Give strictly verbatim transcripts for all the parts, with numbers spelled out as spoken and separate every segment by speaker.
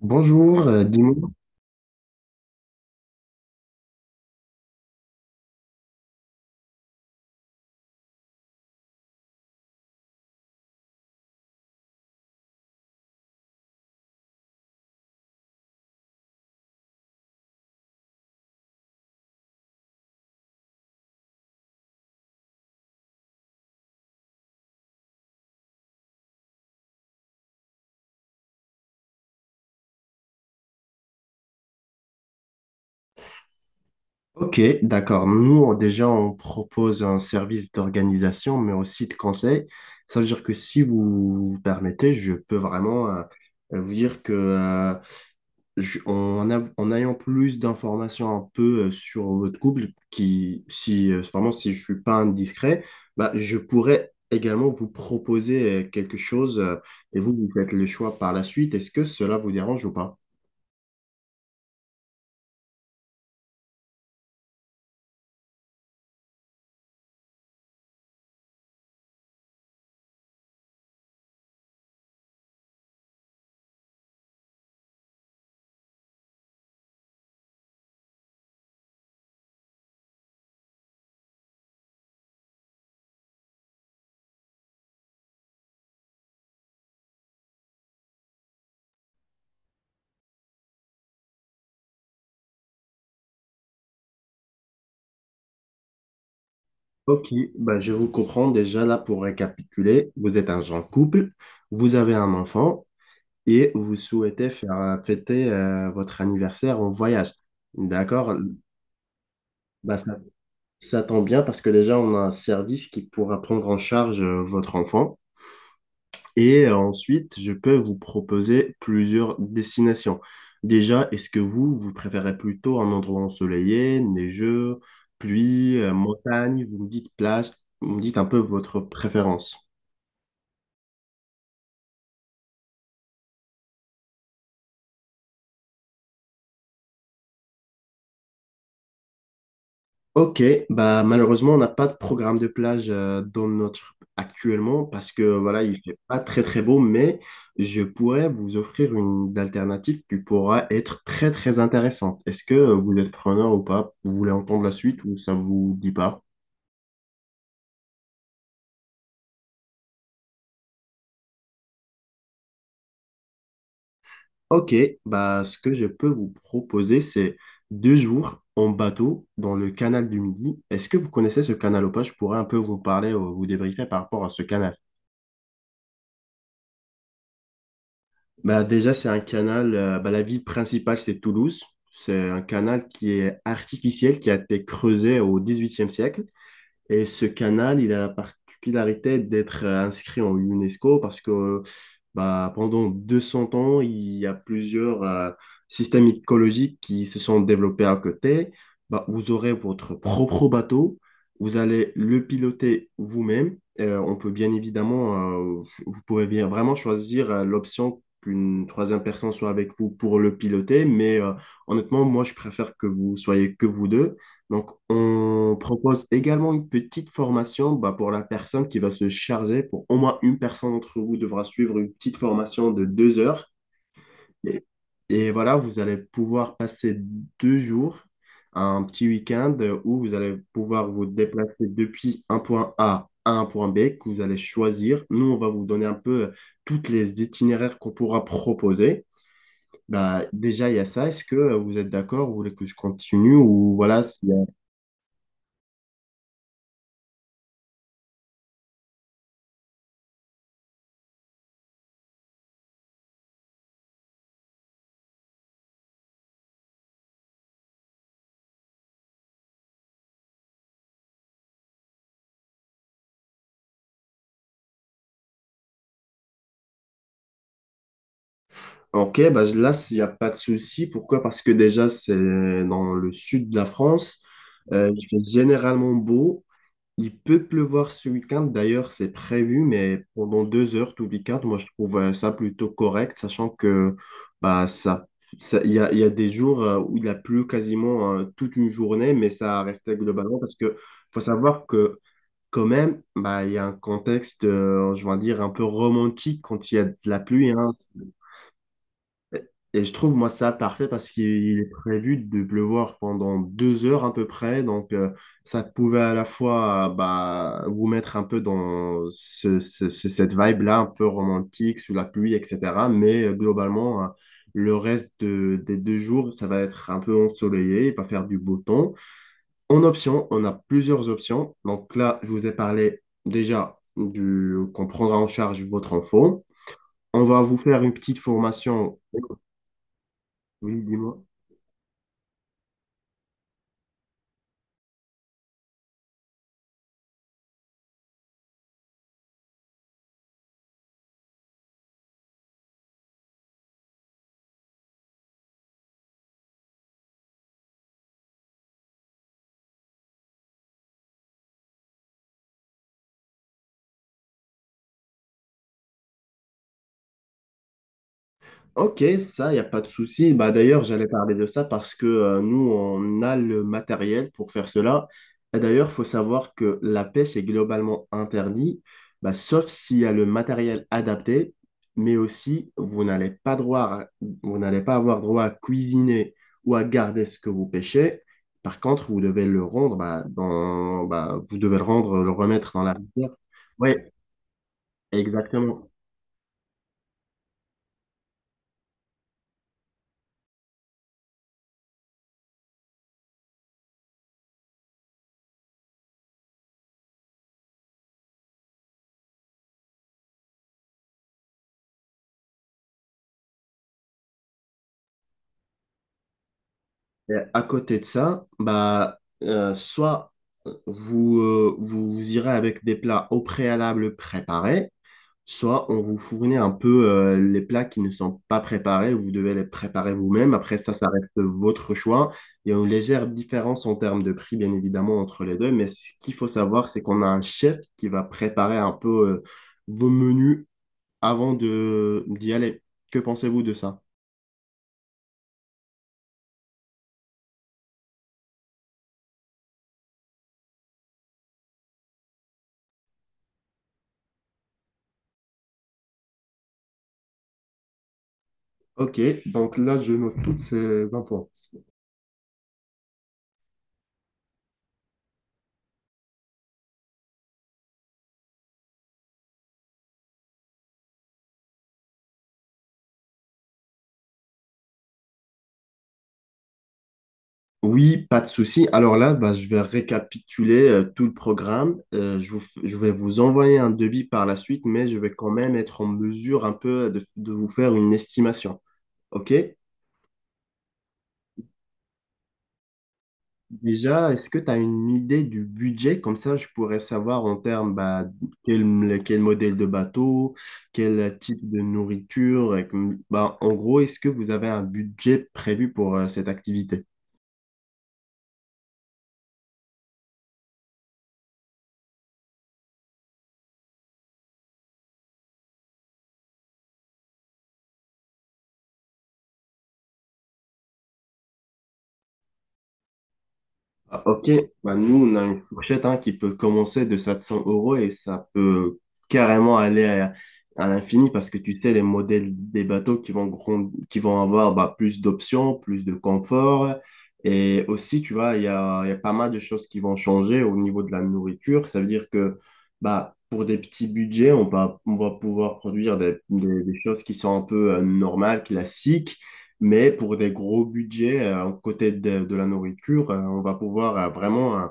Speaker 1: Bonjour, euh, dis-moi. Ok, d'accord. Nous, on- déjà, on propose un service d'organisation, mais aussi de conseil. Ça veut dire que si vous vous permettez, je peux vraiment euh, vous dire que, euh, je- en, av- en ayant plus d'informations un peu euh, sur votre couple, qui, si, euh, vraiment, si je suis pas indiscret, bah, je pourrais également vous proposer euh, quelque chose euh, et vous, vous faites le choix par la suite. Est-ce que cela vous dérange ou pas? Ok, ben, je vous comprends déjà là pour récapituler. Vous êtes un jeune couple, vous avez un enfant et vous souhaitez faire euh, fêter euh, votre anniversaire en voyage. D'accord? Ben, ça, ça tombe bien parce que déjà on a un service qui pourra prendre en charge euh, votre enfant et euh, ensuite je peux vous proposer plusieurs destinations. Déjà, est-ce que vous, vous préférez plutôt un endroit ensoleillé, neigeux, pluie, euh, montagne? Vous me dites plage, vous me dites un peu votre préférence. Ok, bah malheureusement on n'a pas de programme de plage euh, dans notre actuellement parce que voilà il fait pas très très beau, mais je pourrais vous offrir une alternative qui pourra être très très intéressante. Est-ce que euh, vous êtes preneur ou pas? Vous voulez entendre la suite ou ça vous dit pas? Ok, bah ce que je peux vous proposer c'est deux jours en bateau dans le canal du Midi. Est-ce que vous connaissez ce canal ou pas? Je pourrais un peu vous parler, euh, vous débriefer par rapport à ce canal. Bah déjà, c'est un canal, euh, bah, la ville principale, c'est Toulouse. C'est un canal qui est artificiel, qui a été creusé au dix-huitième siècle. Et ce canal, il a la particularité d'être euh, inscrit en UNESCO parce que bah, pendant deux cents ans, il y a plusieurs euh, systèmes écologiques qui se sont développés à côté. Bah, vous aurez votre propre bateau, vous allez le piloter vous-même. Euh, on peut bien évidemment, euh, vous pouvez bien vraiment choisir euh, l'option qu'une troisième personne soit avec vous pour le piloter, mais euh, honnêtement, moi, je préfère que vous soyez que vous deux, donc on propose également une petite formation bah, pour la personne qui va se charger. Pour au moins une personne d'entre vous devra suivre une petite formation de deux heures. Et, et voilà, vous allez pouvoir passer deux jours, un petit week-end euh, où vous allez pouvoir vous déplacer depuis un point A à un point B que vous allez choisir. Nous, on va vous donner un peu euh, toutes les itinéraires qu'on pourra proposer. Bah, déjà, il y a ça. Est-ce que euh, vous êtes d'accord? Vous voulez que je continue ou voilà, s'il y a Ok, bah là, il n'y a pas de souci. Pourquoi? Parce que déjà, c'est dans le sud de la France. Euh, il fait généralement beau. Il peut pleuvoir ce week-end. D'ailleurs, c'est prévu, mais pendant deux heures tout le week-end, moi, je trouve euh, ça plutôt correct, sachant que bah, ça, ça- il y a, il y a des jours euh, où il a plu quasiment euh, toute une journée, mais ça restait globalement parce que faut savoir que quand même, bah, il y a un contexte, euh, je vais dire, un peu romantique quand il y a de la pluie, hein. Et et je trouve, moi, ça parfait parce qu'il est prévu de pleuvoir pendant deux heures à peu près. Donc, euh, ça pouvait à la fois euh, bah, vous mettre un peu dans ce- ce- ce- cette vibe-là, un peu romantique, sous la pluie, et cætera. Mais euh, globalement, euh, le reste de- des deux jours, ça va être un peu ensoleillé, il va faire du beau temps. En option, on a plusieurs options. Donc là, je vous ai parlé déjà du qu'on prendra en charge votre enfant. On va vous faire une petite formation. Oui, dis-moi. Ok, ça, il n'y a pas de souci. Bah, d'ailleurs, j'allais parler de ça parce que euh, nous, on a le matériel pour faire cela. Et d'ailleurs, il faut savoir que la pêche est globalement interdite, bah, sauf s'il y a le matériel adapté, mais aussi, vous n'allez pas droit à- vous n'allez pas avoir droit à cuisiner ou à garder ce que vous pêchez. Par contre, vous devez le rendre, bah, dans, bah, vous devez le rendre, le remettre dans la rivière. Oui, exactement. Et à côté de ça, bah, euh, soit euh, vous, euh, vous irez avec des plats au préalable préparés, soit on vous fournit un peu euh, les plats qui ne sont pas préparés, vous devez les préparer vous-même. Après ça, ça reste votre choix. Il y a une légère différence en termes de prix, bien évidemment, entre les deux, mais ce qu'il faut savoir, c'est qu'on a un chef qui va préparer un peu euh, vos menus avant de, d'y aller. Que pensez-vous de ça? Ok, donc là, je note toutes ces infos. Oui, pas de souci. Alors là, bah, je vais récapituler euh, tout le programme. Euh, je vous f- je vais vous envoyer un devis par la suite, mais je vais quand même être en mesure un peu de, de vous faire une estimation. OK? Déjà, est-ce que tu as une idée du budget? Comme ça, je pourrais savoir en termes bah, quel, quel modèle de bateau, quel type de nourriture. Et que- bah, en gros, est-ce que vous avez un budget prévu pour euh, cette activité? Ah, ok, bah, nous on a une fourchette hein, qui peut commencer de sept cents euros et ça peut carrément aller à, à l'infini parce que tu sais, les modèles des bateaux qui vont, grand- qui vont avoir bah, plus d'options, plus de confort. Et aussi, tu vois, il y a, il y a pas mal de choses qui vont changer au niveau de la nourriture. Ça veut dire que bah, pour des petits budgets, on va, on va pouvoir produire des, des- des choses qui sont un peu euh, normales, classiques. Mais pour des gros budgets, euh, côté de, de la nourriture, euh, on va pouvoir euh, vraiment euh,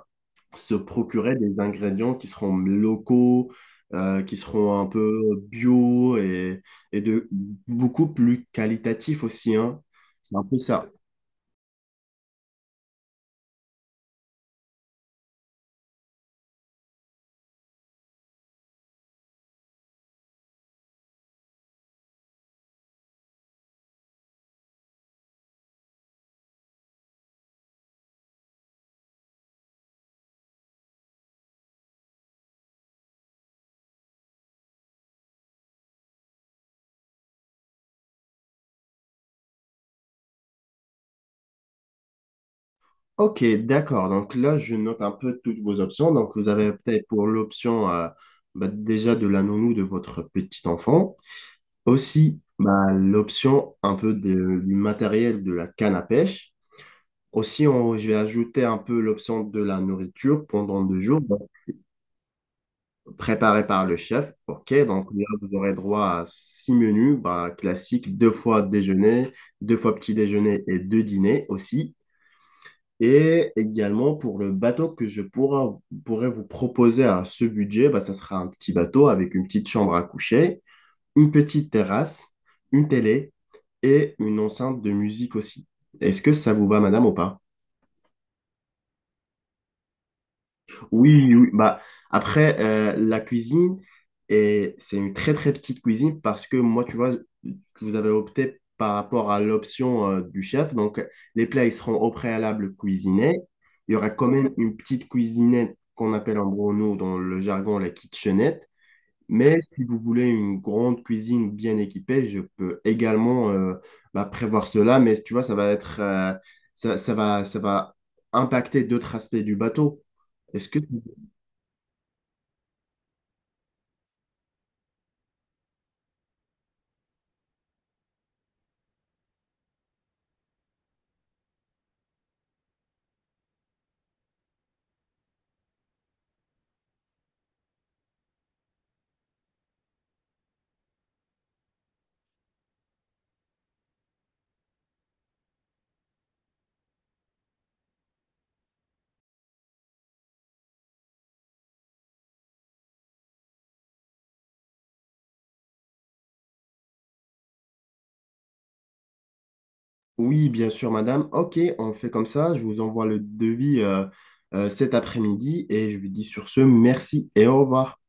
Speaker 1: se procurer des ingrédients qui seront locaux, euh, qui seront un peu bio et, et de beaucoup plus qualitatifs aussi, hein. C'est un peu ça. Ok, d'accord. Donc là, je note un peu toutes vos options. Donc vous avez peut-être pour l'option euh, bah, déjà de la nounou de votre petit enfant. Aussi, bah, l'option un peu de- du matériel de la canne à pêche. Aussi, on- je vais ajouter un peu l'option de la nourriture pendant deux jours, donc préparée par le chef. OK, donc là, vous aurez droit à six menus bah, classiques, deux fois déjeuner, deux fois petit déjeuner et deux dîners aussi. Et également, pour le bateau que je pourra- pourrais vous proposer à ce budget, bah, ça sera un petit bateau avec une petite chambre à coucher, une petite terrasse, une télé et une enceinte de musique aussi. Est-ce que ça vous va, madame, ou pas? Oui, oui, oui. Bah, après, euh, la cuisine, et c'est une très très petite cuisine parce que moi, tu vois, vous avez opté par rapport à l'option euh, du chef. Donc, les plats, ils seront au préalable cuisinés. Il y aura quand même une petite cuisinette qu'on appelle en gros, nous, dans le jargon, la kitchenette. Mais si vous voulez une grande cuisine bien équipée, je peux également euh, bah, prévoir cela. Mais tu vois, ça va être, euh, ça, ça va, ça va impacter d'autres aspects du bateau. Est-ce que tu Oui, bien sûr, madame. Ok, on fait comme ça. Je vous envoie le devis euh, euh, cet après-midi et je vous dis sur ce, merci et au revoir.